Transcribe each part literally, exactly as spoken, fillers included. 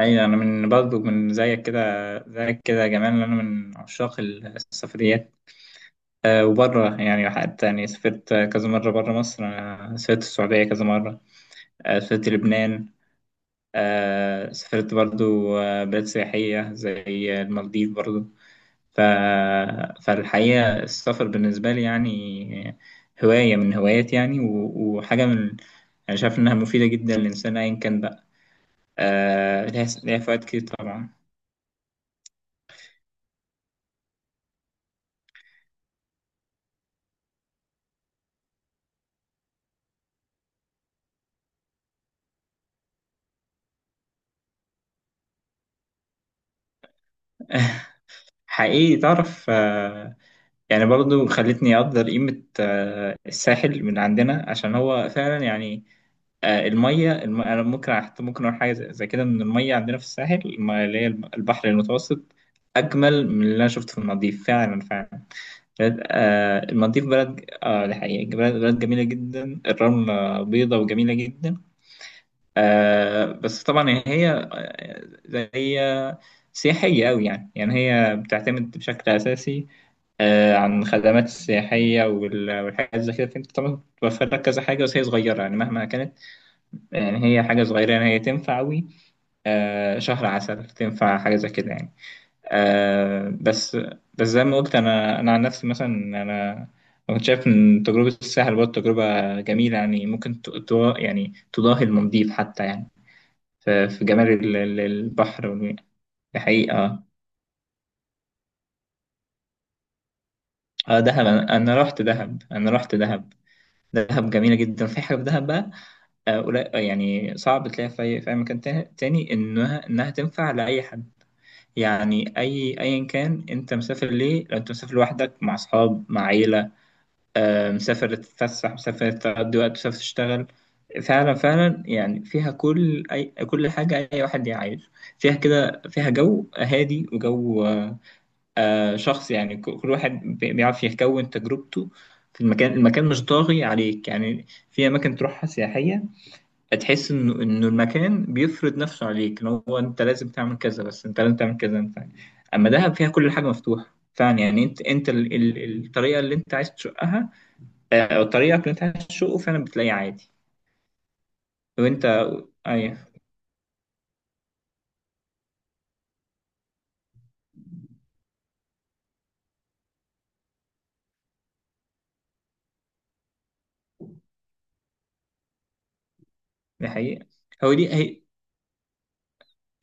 ايوه، انا من برضه من زيك كده زيك كده يا جمال. انا من عشاق السفريات. أه وبره يعني حتى يعني سافرت كذا مره بره مصر. انا سافرت السعوديه كذا مره. أه سافرت لبنان. أه سافرت برضه آه، بلاد سياحيه زي المالديف برضه. ف... فالحقيقه السفر بالنسبه لي يعني هوايه من هواياتي يعني و... وحاجه من، انا شايف انها مفيده جدا للانسان ايا كان بقى. أه ليها ليها فوائد كتير طبعا. حقيقي تعرف. آه، يعني برضو خلتني أقدر قيمة آه، الساحل من عندنا عشان هو فعلا يعني آه، المية. الم... أنا ممكن حتى ممكن أقول حاجة زي زي كده إن المية عندنا في الساحل الم- اللي هي الم- البحر المتوسط أجمل من اللي أنا شفته في المالديف فعلا فعلا. بلد- آه، المالديف بلد آه دي حقيقة بلد بلد جميلة جدا، الرملة بيضة وجميلة جدا. آه بس طبعا هي آه، زي هي سياحية أوي، يعني يعني هي بتعتمد بشكل أساسي آه، عن خدمات السياحية وال- والحاجات زي كده. فأنت طبعا بتوفر لك كذا حاجة بس هي صغيرة يعني مهما كانت، يعني هي حاجة صغيرة يعني هي تنفع أوي آه، شهر عسل. تنفع حاجة زي كده يعني آه، بس. بس زي ما قلت، أنا أنا عن نفسي مثلا، أنا كنت شايف إن تجربة الساحل برضه تجربة جميلة، يعني ممكن ت- تو- يعني تضاهي المالديف حتى يعني ف- في جمال ال- ال- البحر وال- الحقيقة اه آه، دهب. أنا أنا رحت دهب أنا رحت دهب. دهب جميلة جدا. في حاجة في دهب بقى آه، قليل- آه، يعني صعب تلاقيها في أي في أي مكان تا- تاني. إنها إنها تنفع لأي حد، يعني أي أيا كان أنت مسافر ليه، لو أنت مسافر لوحدك، مع أصحاب، مع عيلة، آه، مسافر تتفسح، مسافر تقضي وقت، مسافر تشتغل. فعلا فعلا يعني فيها كل أي كل حاجة. أي واحد يعيش فيها كده، فيها جو هادي وجو آه، آه، شخص يعني ك- كل واحد بي- بيعرف يكون تجربته في المكان. المكان مش طاغي عليك. يعني في أماكن تروحها سياحية تحس انه انه المكان بيفرض نفسه عليك ان هو انت لازم تعمل كذا، بس انت لازم تعمل كذا انت. اما دهب فيها كل حاجه مفتوحه فعلا، يعني انت انت ال ال الطريقه اللي انت عايز تشقها آه، او طريقك اللي انت عايز تشقه فعلا بتلاقيه عادي. وانت ايوه. دي حقيقه. هو دي هي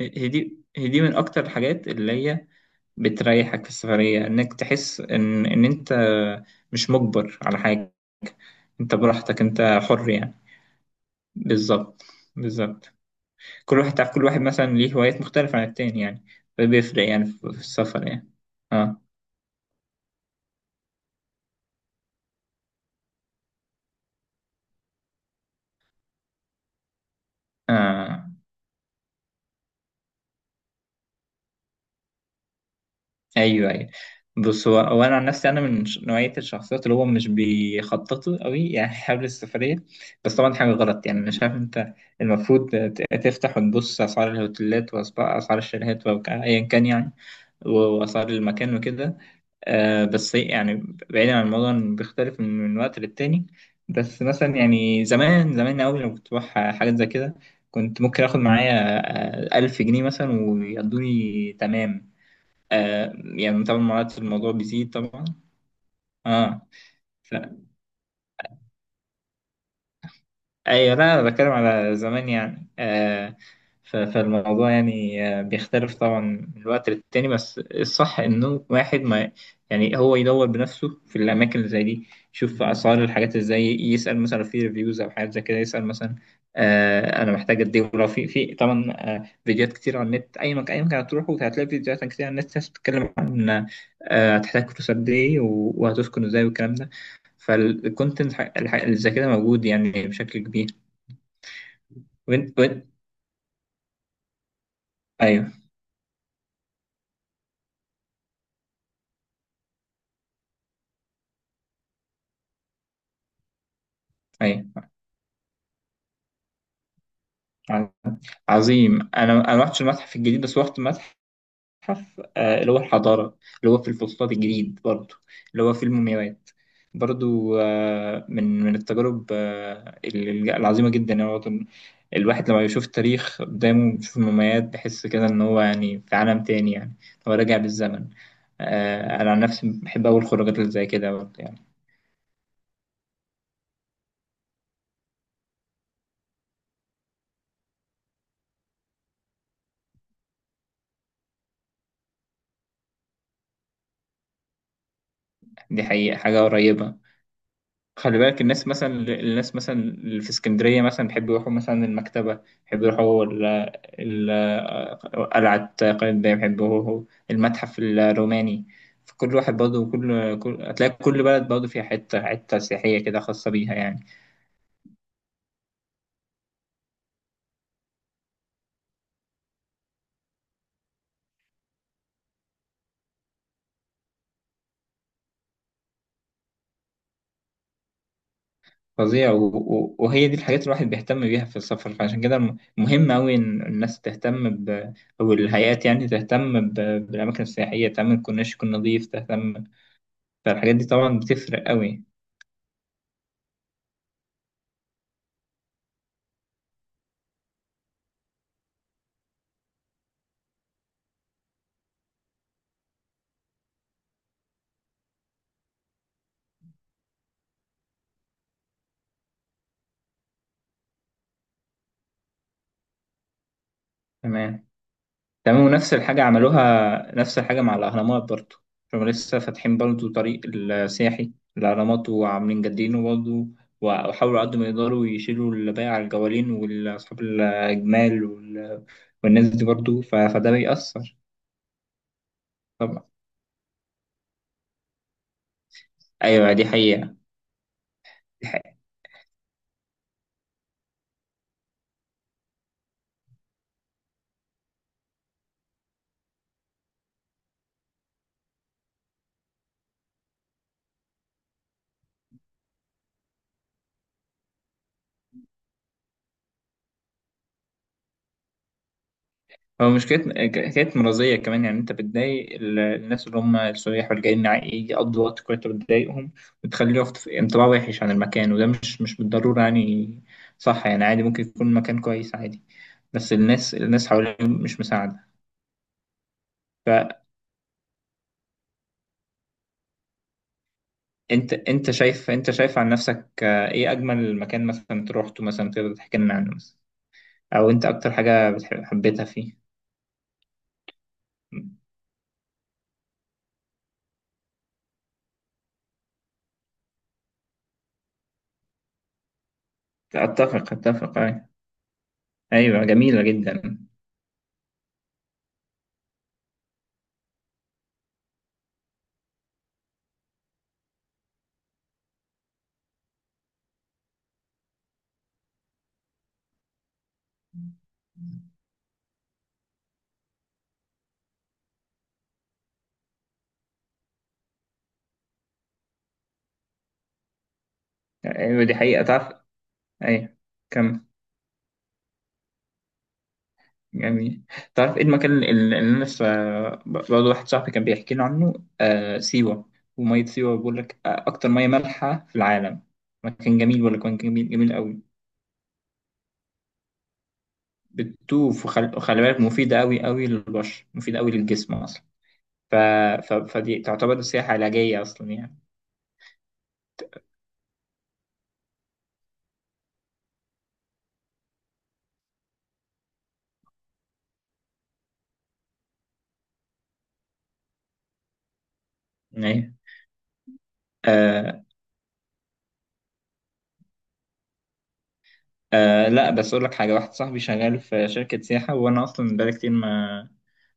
هي دي هي دي من اكتر الحاجات اللي هي بتريحك في السفريه، انك تحس ان ان انت مش مجبر على حاجه. انت براحتك، انت حر يعني. بالظبط بالظبط. كل واحد، تعرف، كل واحد مثلا ليه هوايات مختلفة عن التاني يعني. فبيفرق يعني في في السفر يعني. اه اه، ايوه ايوه. بص، هو هو انا عن نفسي انا من ش- نوعية الشخصيات اللي هو مش بيخططوا قوي يعني حابب السفرية. بس طبعا حاجة غلط يعني، انا شايف انت المفروض ت- تفتح وتبص اسعار الهوتيلات واسعار الشاليهات وايا كان يعني و- واسعار المكان وكده آه بس يعني، بعيدا عن الموضوع، إن بيختلف من, من وقت للتاني. بس مثلا يعني زمان زمان أوي لما كنت بروح حاجات زي كده كنت ممكن آخد معايا آه، ألف جنيه مثلا ويقضوني تمام. آه يعني طبعا مرات الموضوع بيزيد طبعا. اه ايوه. لا انا بتكلم على زمان يعني آه ف- فالموضوع يعني آه بيختلف طبعا من الوقت للتاني، بس الصح انه واحد ما، يعني هو يدور بنفسه في الاماكن اللي زي دي، يشوف اسعار الحاجات ازاي، يسال مثلا في ريفيوز او حاجات زي كده. يسال مثلا آه انا محتاج قد ايه، ولو في في طبعا آه فيديوهات كتير على النت. اي مكان اي مكان هتروحه هتلاقي فيديوهات كتير على النت، ناس بتتكلم عن آه هتحتاج فلوس قد ايه و- وهتسكن ازاي والكلام ده. فالكونتنت اللي زي كده موجود يعني بشكل كبير. وانت وانت ايوه ايوه ع- عظيم. انا انا ما رحتش المتحف الجديد بس رحت متحف آه، اللي هو الحضاره، اللي هو في الفسطاط الجديد برضو، اللي هو في المومياوات برضو. آه، من من التجارب آه، ال- ال- العظيمه جدا يعني برضو. الواحد لما بيشوف التاريخ قدامه، بيشوف المومياوات، بيحس كده ان هو يعني في عالم تاني، يعني هو راجع بالزمن. آه، انا عن نفسي بحب اول خروجات اللي زي كده برضو يعني. دي حقيقه حاجه قريبه. خلي بالك، الناس مثلا، الناس مثلا اللي في اسكندرية مثلا بيحبوا يروحوا مثلا المكتبة، بيحبوا يروحوا ال- ال- قلعة قايتباي، بيحبوا يروحوا المتحف الروماني. فكل واحد برضه، كل كل هتلاقي كل بلد برضه فيها حتة حتة سياحية كده خاصة بيها يعني. فظيع و... و... وهي دي الحاجات اللي الواحد بيهتم بيها في السفر. فعشان كده الم- مهم أوي إن الناس تهتم ب...، أو الهيئات يعني تهتم ب... بالأماكن السياحية، تهتم الكورنيش يكون نظيف، تهتم. فالحاجات دي طبعا بتفرق أوي. تمام تمام، ونفس الحاجة عملوها نفس الحاجة مع الأهرامات برضو. هم لسه فاتحين برضو طريق السياحي الأهرامات، وعاملين جادينه برضو. وحاولوا قد ما يقدروا يشيلوا اللي بايع على الجوالين والأصحاب الجمال وال- والناس دي برضو. ف- فده بيأثر طبعا. أيوة دي حقيقة. دي هو مش حكاية، حكاية مرضية كمان. يعني أنت بتضايق ال- الناس اللي هم السياح واللي جايين ع- يقضوا وقت كويس، أنت بتضايقهم وتخليه ياخد في- انطباع وحش عن المكان، وده مش مش بالضرورة يعني صح. يعني عادي ممكن يكون مكان كويس عادي، بس الناس الناس حواليهم مش مساعدة. فأنت، أنت شايف أنت شايف عن نفسك آه، إيه أجمل مكان مثلا روحته؟ مثلا تقدر تحكي لنا عنه، مثلا أو أنت أكتر حاجة بتحب حبيتها فيه. أتفق أتفق أيوة. أيوة جميلة جدا. أيوة دي حقيقة تعرف. أيوة كمل. جميل. تعرف ايه المكان اللي اللي انا لسه برضه واحد صاحبي كان بيحكي لي عنه؟ آه سيوة. ومية سيوة بيقول لك آه أكتر مية مالحة في العالم. مكان جميل بيقول لك، مكان جميل جميل قوي. بتدوب وخل- وخلي بالك مفيدة قوي قوي للبشر، مفيدة قوي للجسم أصلا. ف... ف... فدي تعتبر سياحة علاجية أصلا يعني. أيوة آه آه لا، بس أقول لك حاجة. واحد صاحبي شغال في شركة سياحة، وأنا أصلا بقالي كتير ما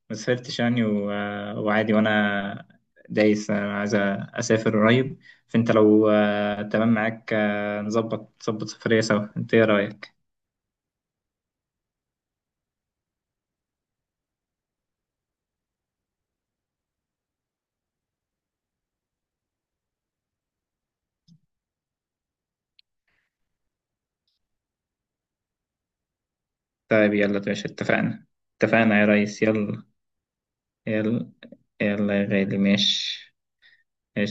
ما سافرتش يعني و... آه، وعادي، وانا دايس. انا عايز اسافر قريب. فانت لو آه، تمام معاك آه، نظبط نظبط سفرية سوا، انت ايه رأيك؟ طيب يلا يا باشا، اتفقنا. اتفقنا يا ريس يلا. يلا يلا يا غالي، ماشي.